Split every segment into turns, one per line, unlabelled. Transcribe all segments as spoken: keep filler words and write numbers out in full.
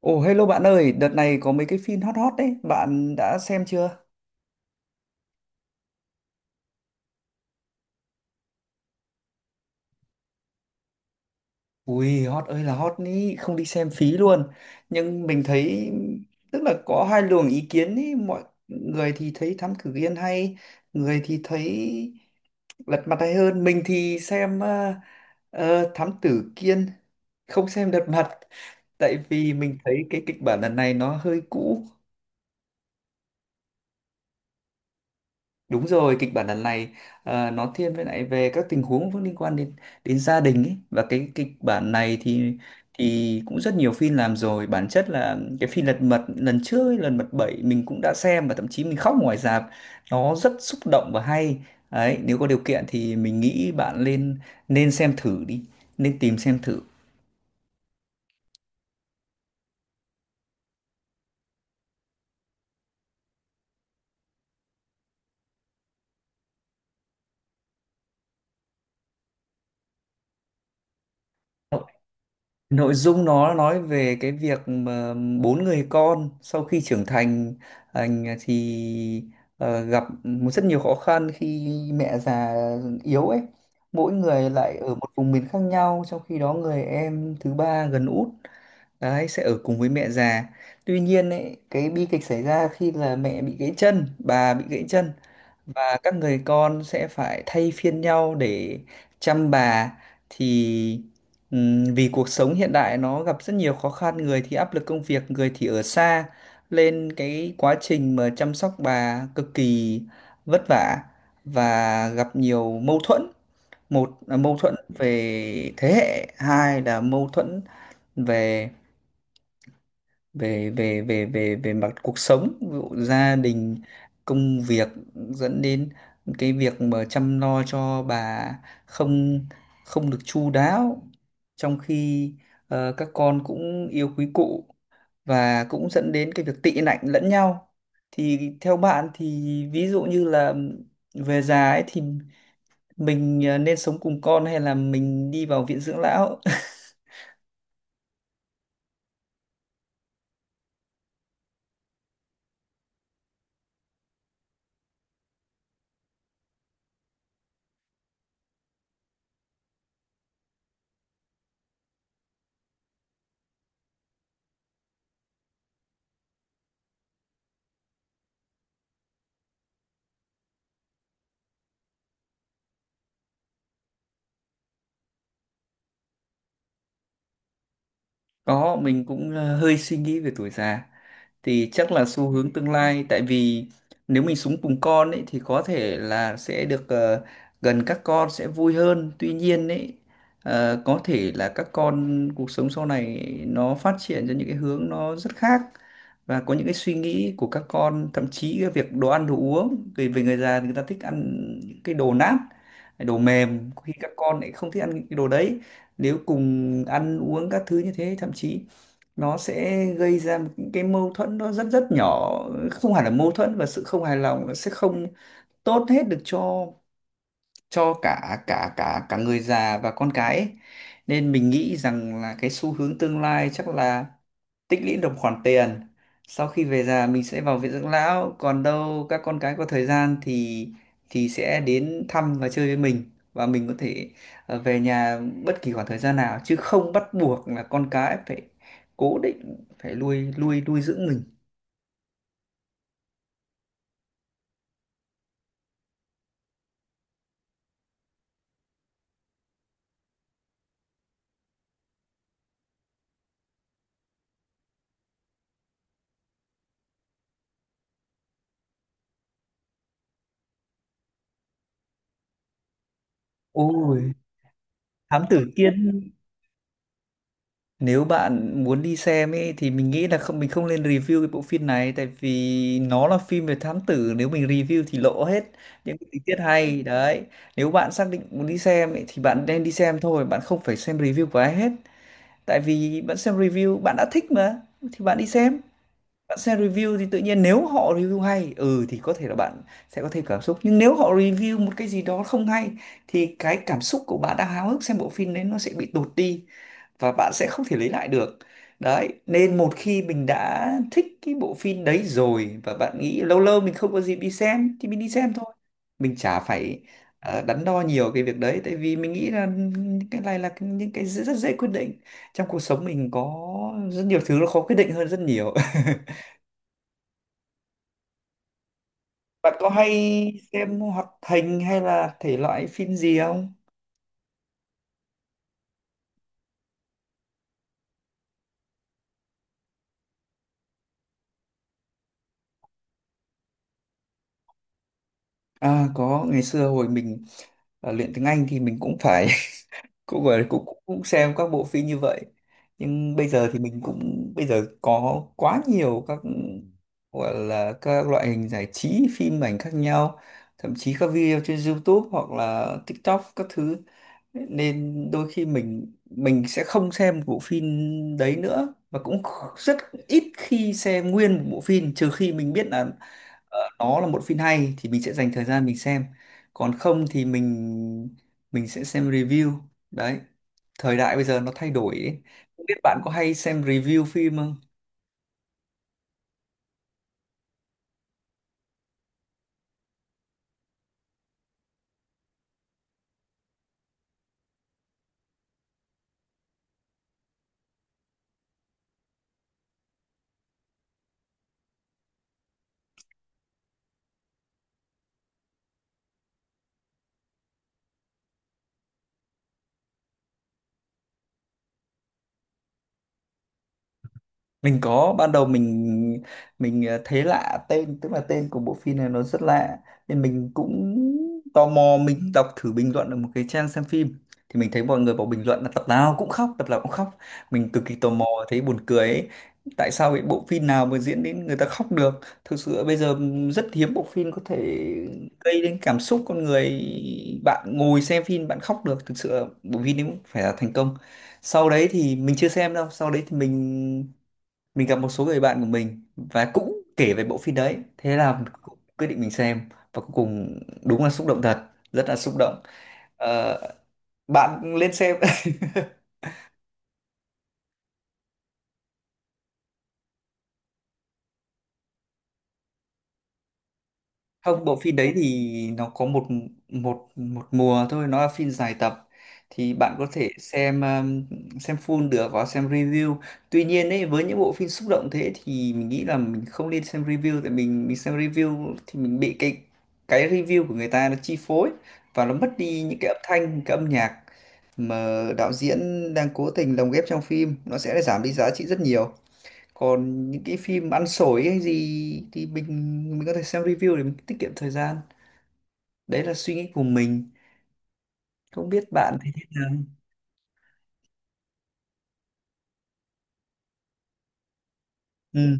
Ồ, hello bạn ơi, đợt này có mấy cái phim hot hot đấy, bạn đã xem chưa? Ui, hot ơi là hot ý, không đi xem phí luôn. Nhưng mình thấy tức là có hai luồng ý kiến ý, mọi người thì thấy Thám Tử Kiên hay, người thì thấy Lật Mặt hay hơn. Mình thì xem ờ, ờ, Thám Tử Kiên, không xem Lật Mặt tại vì mình thấy cái kịch bản lần này nó hơi cũ. Đúng rồi, kịch bản lần này ờ, nó thiên với lại về các tình huống cũng liên quan đến đến gia đình ấy và cái kịch bản này thì thì cũng rất nhiều phim làm rồi. Bản chất là cái phim Lật Mặt lần trước ấy, Lật Mặt bảy mình cũng đã xem và thậm chí mình khóc ngoài rạp. Nó rất xúc động và hay. Đấy, nếu có điều kiện thì mình nghĩ bạn nên nên xem thử đi, nên tìm xem thử. Nội dung nó nói về cái việc mà bốn người con sau khi trưởng thành, anh thì ờ, gặp một rất nhiều khó khăn khi mẹ già yếu ấy. Mỗi người lại ở một vùng miền khác nhau, trong khi đó người em thứ ba gần út đấy sẽ ở cùng với mẹ già. Tuy nhiên ấy, cái bi kịch xảy ra khi là mẹ bị gãy chân, bà bị gãy chân và các người con sẽ phải thay phiên nhau để chăm bà thì ừm, vì cuộc sống hiện đại nó gặp rất nhiều khó khăn, người thì áp lực công việc, người thì ở xa, nên cái quá trình mà chăm sóc bà cực kỳ vất vả và gặp nhiều mâu thuẫn. Một là mâu thuẫn về thế hệ, hai là mâu thuẫn về về về về về về mặt cuộc sống, ví dụ gia đình, công việc, dẫn đến cái việc mà chăm lo cho bà không không được chu đáo, trong khi ờ, các con cũng yêu quý cụ, và cũng dẫn đến cái việc tị nạnh lẫn nhau. Thì theo bạn thì ví dụ như là về già ấy thì mình ờ, nên sống cùng con hay là mình đi vào viện dưỡng lão? Có, mình cũng ờ, hơi suy nghĩ về tuổi già. Thì chắc là xu hướng tương lai, tại vì nếu mình sống cùng con ấy thì có thể là sẽ được ờ, gần các con sẽ vui hơn. Tuy nhiên ấy, ờ, có thể là các con cuộc sống sau này nó phát triển ra những cái hướng nó rất khác và có những cái suy nghĩ của các con, thậm chí cái việc đồ ăn đồ uống, vì về người già thì người ta thích ăn những cái đồ nát, đồ mềm, có khi các con lại không thích ăn những cái đồ đấy. Nếu cùng ăn uống các thứ như thế, thậm chí nó sẽ gây ra một cái mâu thuẫn nó rất rất nhỏ, không hẳn là mâu thuẫn, và sự không hài lòng nó sẽ không tốt hết được cho cho cả cả cả cả người già và con cái ấy. Nên mình nghĩ rằng là cái xu hướng tương lai chắc là tích lũy được khoản tiền, sau khi về già mình sẽ vào viện dưỡng lão, còn đâu các con cái có thời gian thì thì sẽ đến thăm và chơi với mình, và mình có thể ờ, về nhà bất kỳ khoảng thời gian nào, chứ không bắt buộc là con cái phải cố định phải nuôi nuôi nuôi dưỡng mình. Ôi, thám tử Kiên. Nếu bạn muốn đi xem ấy thì mình nghĩ là không, mình không nên review cái bộ phim này tại vì nó là phim về thám tử, nếu mình review thì lộ hết những cái tình tiết hay đấy. Nếu bạn xác định muốn đi xem ấy, thì bạn nên đi xem thôi, bạn không phải xem review của ai hết. Tại vì bạn xem review bạn đã thích mà thì bạn đi xem. Bạn xem review thì tự nhiên nếu họ review hay, ừ, thì có thể là bạn sẽ có thêm cảm xúc. Nhưng nếu họ review một cái gì đó không hay thì cái cảm xúc của bạn đang háo hức xem bộ phim đấy nó sẽ bị tụt đi và bạn sẽ không thể lấy lại được. Đấy, nên một khi mình đã thích cái bộ phim đấy rồi và bạn nghĩ lâu lâu mình không có dịp đi xem thì mình đi xem thôi, mình chả phải ờ, đắn đo nhiều cái việc đấy, tại vì mình nghĩ là cái này là cái- những cái rất, rất dễ quyết định. Trong cuộc sống mình có rất nhiều thứ nó khó quyết định hơn rất nhiều. Bạn có hay xem hoạt hình hay là thể loại phim gì không? À, có, ngày xưa hồi mình ờ, luyện tiếng Anh thì mình cũng phải cũng gọi là cũng cũng cũng xem các bộ phim như vậy, nhưng bây giờ thì mình cũng bây giờ có quá nhiều các gọi là các loại hình giải trí phim ảnh khác nhau, thậm chí các video trên YouTube hoặc là TikTok các thứ, nên đôi khi mình mình sẽ không xem một bộ phim đấy nữa, và cũng kh- rất ít khi xem nguyên một bộ phim trừ khi mình biết là ờ, nó là một phim hay thì mình sẽ dành thời gian mình xem, còn không thì mình mình sẽ xem review. Đấy, thời đại bây giờ nó thay đổi ấy. Không biết bạn có hay xem review phim không? Mình có, ban đầu mình mình ờ, thấy lạ tên, tức là tên của bộ phim này nó rất lạ, nên mình cũng tò mò mình đọc thử bình luận ở một cái trang xem phim, thì mình thấy mọi người bảo bình luận là tập nào cũng khóc, tập nào cũng khóc. Mình cực kỳ tò mò, thấy buồn cười ấy. Tại sao cái bộ phim nào mà diễn đến người ta khóc được? Thực sự bây giờ rất hiếm bộ phim có thể gây đến cảm xúc con người, bạn ngồi xem phim bạn khóc được, thực sự bộ phim đấy cũng phải là thành công. Sau đấy thì mình chưa xem đâu, sau đấy thì mình mình gặp một số người bạn của mình và cũng kể về bộ phim đấy, thế là cũng quyết định mình xem, và cuối cùng đúng là xúc động thật, rất là xúc động. Ờ, bạn lên xem. Không, bộ phim đấy thì nó có một một một mùa thôi, nó là phim dài tập, thì bạn có thể xem um, xem full được và xem review. Tuy nhiên ấy, với những bộ phim xúc động thế thì mình nghĩ là mình không nên xem review, tại mình mình xem review thì mình bị cái cái review của người ta nó chi phối và nó mất đi những cái âm thanh, cái âm nhạc mà đạo diễn đang cố tình lồng ghép trong phim, nó sẽ giảm đi giá trị rất nhiều. Còn những cái phim ăn xổi hay gì thì mình mình có thể xem review để mình tiết kiệm thời gian. Đấy là suy nghĩ của mình, không biết bạn thấy thế nào. Ừ.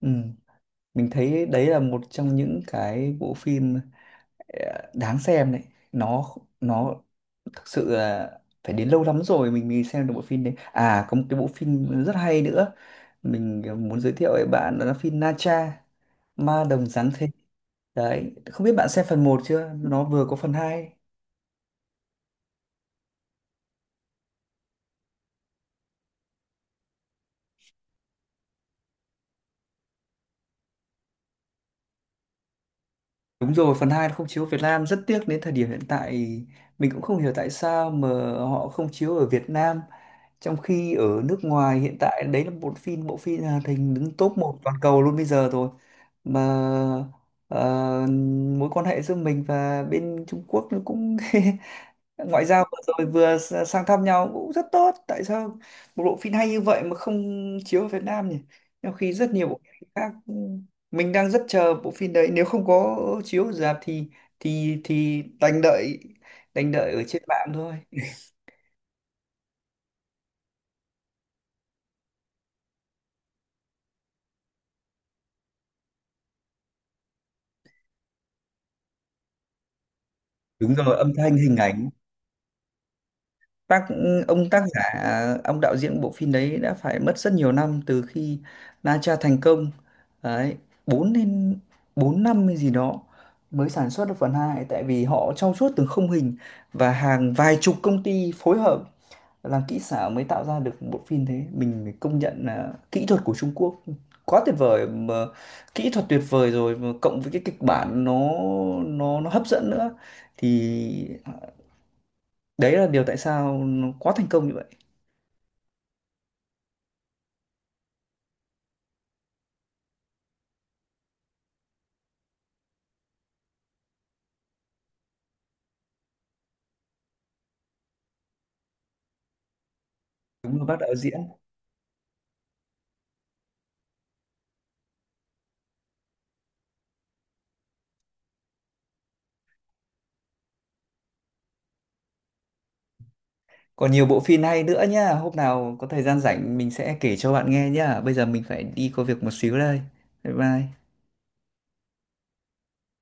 ừ. Mình thấy đấy là một trong những cái bộ phim ờ, đáng xem đấy. Nó nó thực sự là phải đến lâu lắm rồi mình mới xem được bộ phim đấy. À, có một cái bộ phim rất hay nữa mình ờ, muốn giới thiệu với bạn, đó là phim Na Tra Ma Đồng Giáng Thế. Đấy, không biết bạn xem phần một chưa, nó vừa có phần hai. Đúng rồi, phần hai không chiếu Việt Nam, rất tiếc, đến thời điểm hiện tại mình cũng không hiểu tại sao mà họ không chiếu ở Việt Nam, trong khi ở nước ngoài hiện tại đấy là một phim bộ phim hoạt hình đứng top một toàn cầu luôn bây giờ rồi, mà ờ, mối quan hệ giữa mình và bên Trung Quốc nó cũng ngoại giao vừa rồi vừa s- sang thăm nhau cũng rất tốt, tại sao một bộ phim hay như vậy mà không chiếu ở Việt Nam nhỉ, trong khi rất nhiều bộ phim khác. Ừ, mình đang rất chờ bộ phim đấy, nếu không có chiếu ở rạp thì thì thì đành đợi, đành đợi ở trên mạng thôi. Đúng rồi, âm thanh, hình ảnh. Tác ông tác giả ông đạo diễn bộ phim đấy đã phải mất rất nhiều năm từ khi Na Tra thành công, đấy, bốn đến bốn năm hay gì đó mới sản xuất được phần hai, tại vì họ trau chuốt từng khung hình và hàng vài chục công ty phối hợp làm kỹ xảo mới tạo ra được một bộ phim thế. Mình phải công nhận là kỹ thuật của Trung Quốc quá tuyệt vời, mà kỹ thuật tuyệt vời rồi mà cộng với cái kịch bản nó nó nó hấp dẫn nữa, thì đấy là điều tại sao nó quá thành công như vậy. Đúng rồi, bác đạo diễn. Còn nhiều bộ phim hay nữa nhá. Hôm nào có thời gian rảnh mình sẽ kể cho bạn nghe nhá. Bây giờ mình phải đi có việc một xíu đây. Bye bye.